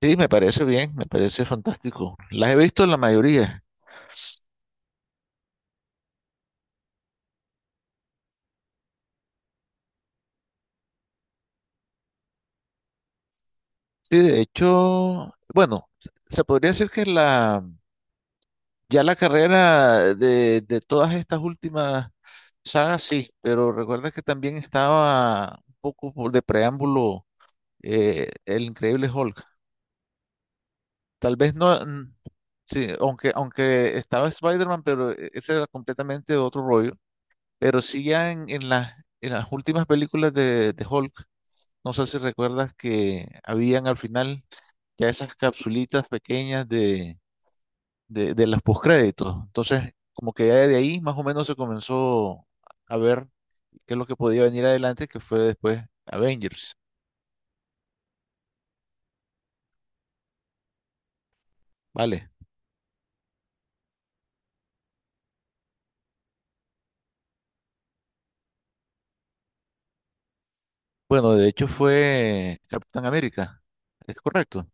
Sí, me parece bien, me parece fantástico. Las he visto la mayoría. Sí, de hecho, bueno, se podría decir que ya la carrera de todas estas últimas sagas, sí, pero recuerda que también estaba un poco por de preámbulo el Increíble Hulk. Tal vez no, sí, aunque estaba Spider-Man, pero ese era completamente otro rollo. Pero sí ya en las últimas películas de Hulk. No sé si recuerdas que habían al final ya esas capsulitas pequeñas de los postcréditos. Entonces, como que ya de ahí más o menos se comenzó a ver qué es lo que podía venir adelante, que fue después Avengers. Vale. Bueno, de hecho fue Capitán América. Es correcto.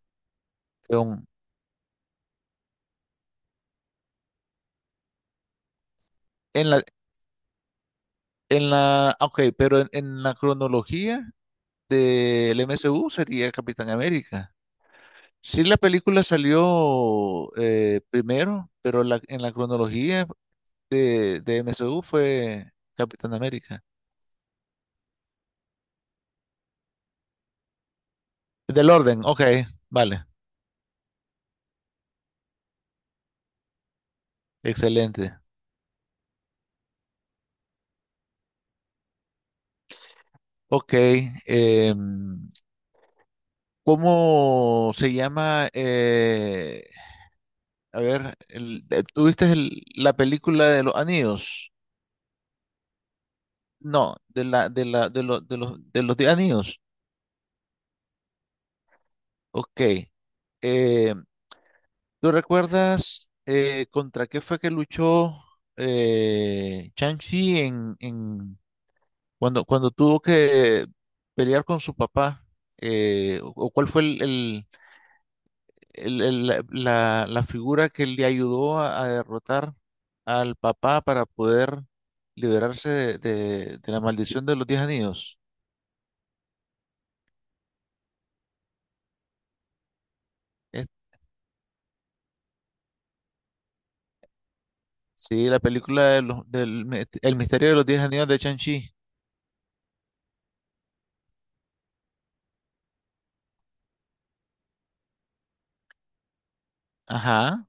Fue un- en la, en la, ah, ok, pero en la cronología del MCU sería Capitán América. Sí, la película salió primero, en la cronología de MCU fue Capitán América. Del orden, ok, vale, excelente. Ok, em, ¿cómo se llama? A ver, ¿tuviste la película de los anillos? No, de la, de la, de los, de los, de los de anillos. Ok. Em, ¿tú recuerdas contra qué fue que luchó Shang-Chi cuando, cuando tuvo que pelear con su papá? O cuál fue la figura que le ayudó a derrotar al papá para poder liberarse de la maldición de los Diez Anillos? Es- sí, la película de los- del, mi- El misterio de los Diez Anillos de Shang-Chi. Ajá.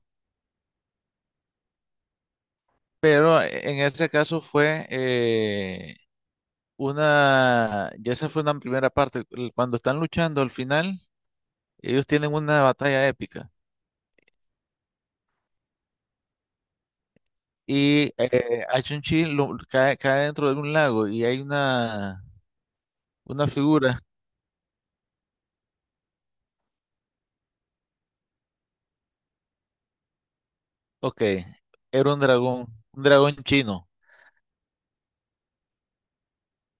Pero en ese caso fue ya esa fue una primera parte. Cuando están luchando al final, ellos tienen una batalla épica. Y a Chun-Chi cae, cae dentro de un lago y hay una figura. Ok, era un dragón chino.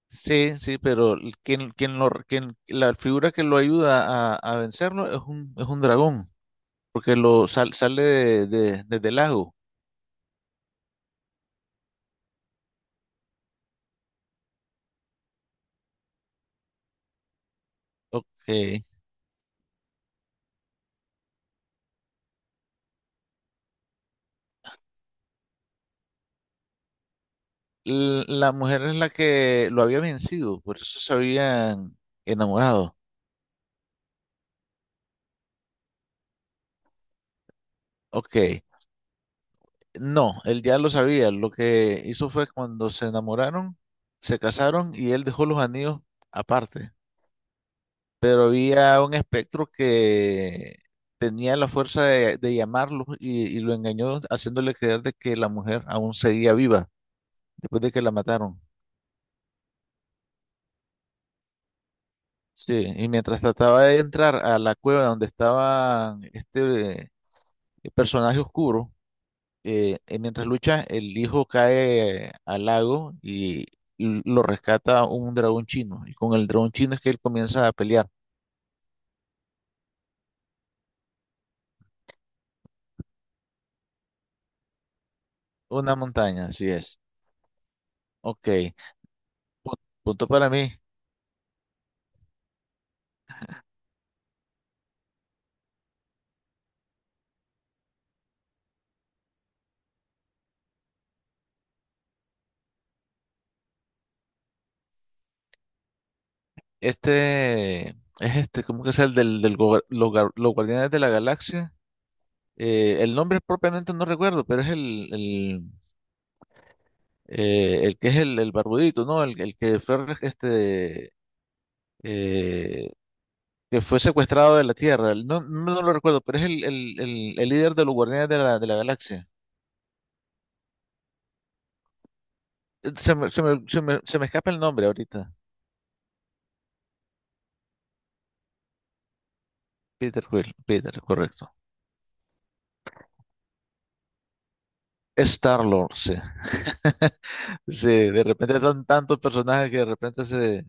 Sí, sí, pero quien lo, quien, la figura que lo ayuda a vencerlo es un dragón, porque lo sale desde el lago. Ok. La mujer es la que lo había vencido, por eso se habían enamorado. Ok, no, él ya lo sabía, lo que hizo fue cuando se enamoraron, se casaron y él dejó los anillos aparte, pero había un espectro que tenía la fuerza de llamarlo y lo engañó haciéndole creer de que la mujer aún seguía viva después de que la mataron. Sí, y mientras trataba de entrar a la cueva donde estaba este personaje oscuro, mientras lucha, el hijo cae al lago y lo rescata un dragón chino. Y con el dragón chino es que él comienza a pelear. Una montaña, así es. Ok. Pu- Punto para mí. Este es este, ¿cómo que es los Guardianes de la Galaxia? El nombre propiamente no recuerdo, pero es el que es el barbudito, ¿no? El que fue este, eh, que fue secuestrado de la Tierra. No, no, no lo recuerdo, pero es el líder de los Guardianes de de la Galaxia. Se me escapa el nombre ahorita. Peter Quill, Peter, correcto. Star-Lord, sí. Sí, de repente son tantos personajes que de repente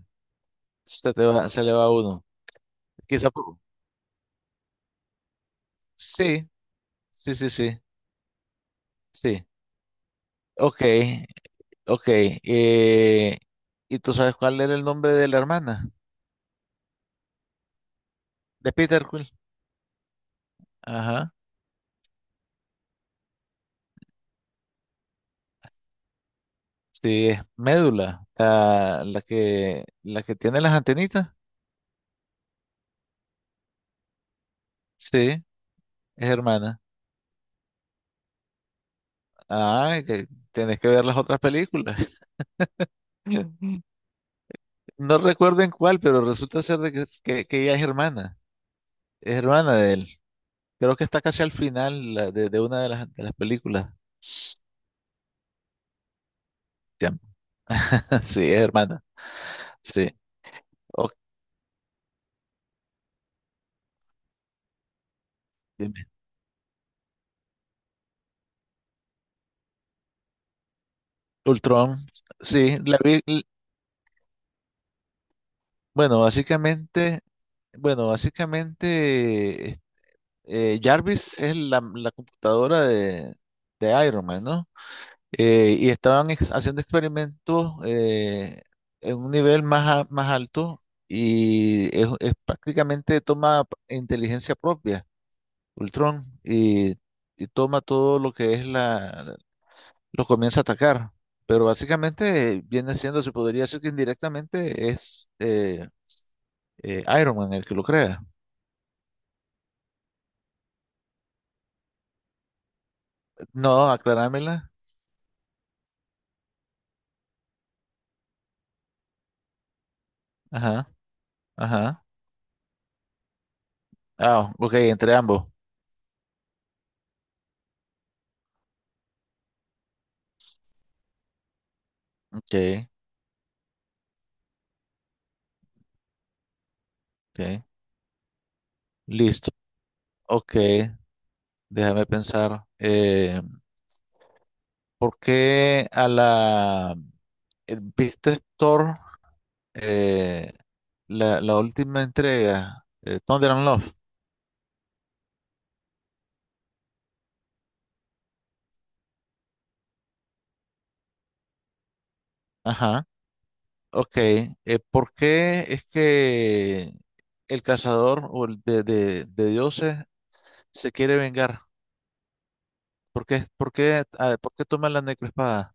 se te va, se le va uno. Quizá por- Sí, sí, sí, sí, sí. Ok, ok. Eh, ¿y tú sabes cuál era el nombre de la hermana? De Peter Quill. Ajá. Sí, es médula, la que tiene las antenitas. Sí, es hermana. Ah, que tenés que ver las otras películas. No recuerdo en cuál, pero resulta ser de que, que ella es hermana. Es hermana de él. Creo que está casi al final de una de de las películas. Tiam. Sí, es hermana. Sí. Ok, dime. Ultron. Sí, la vi. Bueno, básicamente, bueno, básicamente, Jarvis es la computadora de Iron Man, ¿no? Y estaban haciendo experimentos en un nivel más, más alto y es prácticamente toma inteligencia propia, Ultron, y toma todo lo que es la, lo comienza a atacar. Pero básicamente viene siendo, se podría decir que indirectamente es Iron Man el que lo crea. No, aclarámela. Ajá, ajá. Ah, ok, entre ambos. Ok, ok. Listo. Ok, déjame pensar. ¿Por qué a la... ¿viste Thor? Eh, la última entrega, Thunder and Love. Ajá. Ok. Eh, ¿por qué es que el cazador o el de dioses se quiere vengar? ¿Por qué toma la necroespada?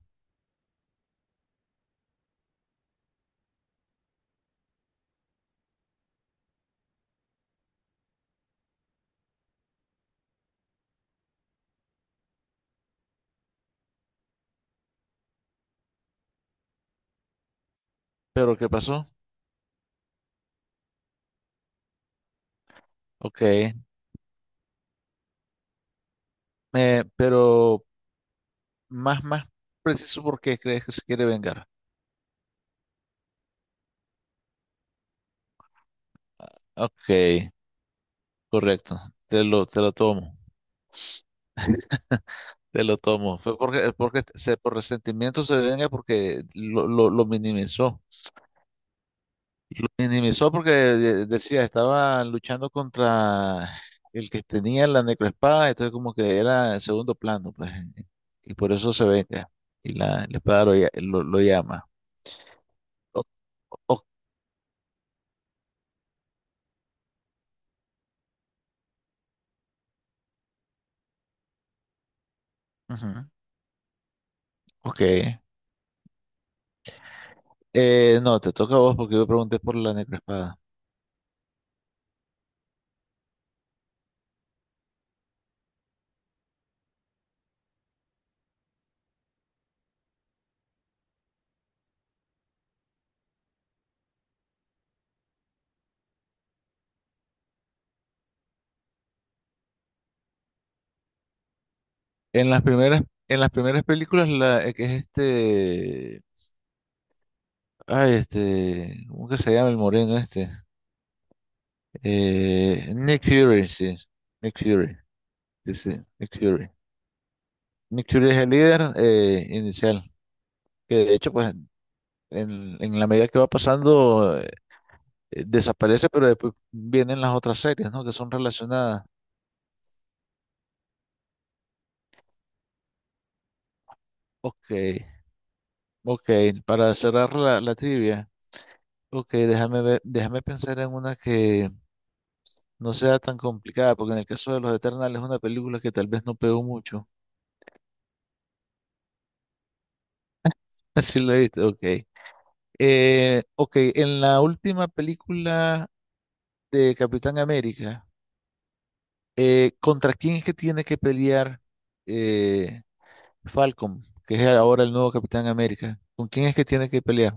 ¿Pero qué pasó? Ok. Pero... más, más preciso porque crees que se quiere vengar. Ok, correcto. Te lo tomo. Te lo tomo. Fue porque, porque se, por resentimiento se venga porque lo minimizó. Minimizó porque decía, estaba luchando contra el que tenía la necroespada, entonces como que era en segundo plano, pues. Y por eso se venga. Y la espada lo llama. O- o- Ujú. Ok. No, te toca a vos porque yo pregunté por la necroespada. En las primeras, en las primeras películas, la, que es este, ay, este, ¿cómo que se llama el moreno este? Eh, Nick Fury, sí, Nick Fury, sí, sí, Nick Fury. Nick Fury es el líder inicial, que de hecho, pues, en la medida que va pasando, desaparece, pero después vienen las otras series, ¿no? Que son relacionadas. Ok, ok, para cerrar la trivia, ok, déjame ver, déjame pensar en una que... no sea tan complicada, porque en el caso de Los Eternals es una película que tal vez no pegó mucho. Así lo viste, ok. Ok, en la última película de Capitán América, ¿contra quién es que tiene que pelear eh, Falcon, que es ahora el nuevo Capitán América? ¿Con quién es que tiene que pelear?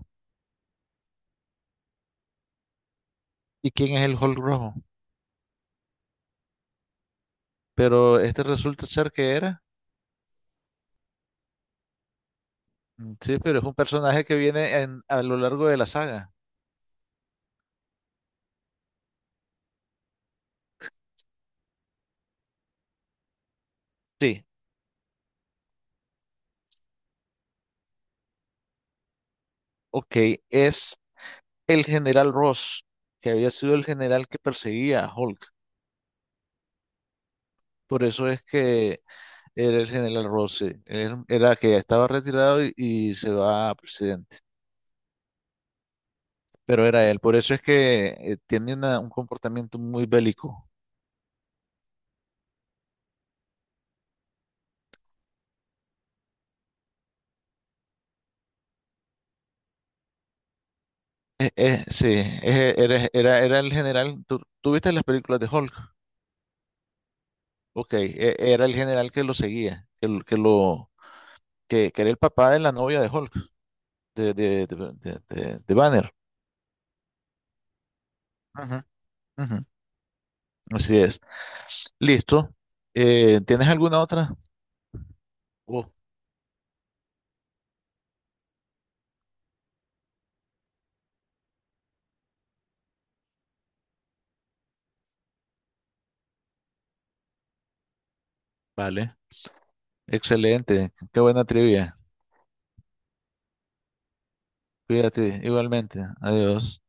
¿Y quién es el Hulk rojo? Pero este resulta ser que era. Mm, sí, pero es un personaje que viene a lo largo de la saga. Sí, ok, es... el general Ross, que había sido el general que perseguía a Hulk. Por eso es que era el general Ross, sí. Él era que ya estaba retirado y se va a presidente. Pero era él, por eso es que tiene un comportamiento muy bélico. Era el general. ¿Tú, tú viste las películas de Hulk? Ok, era el general que lo seguía, que era el papá de la novia de Hulk, de Banner. Ujú, ujú. Así es. Listo. ¿Tienes alguna otra? Oh, vale. Excelente. Qué buena trivia. Cuídate igualmente. Adiós.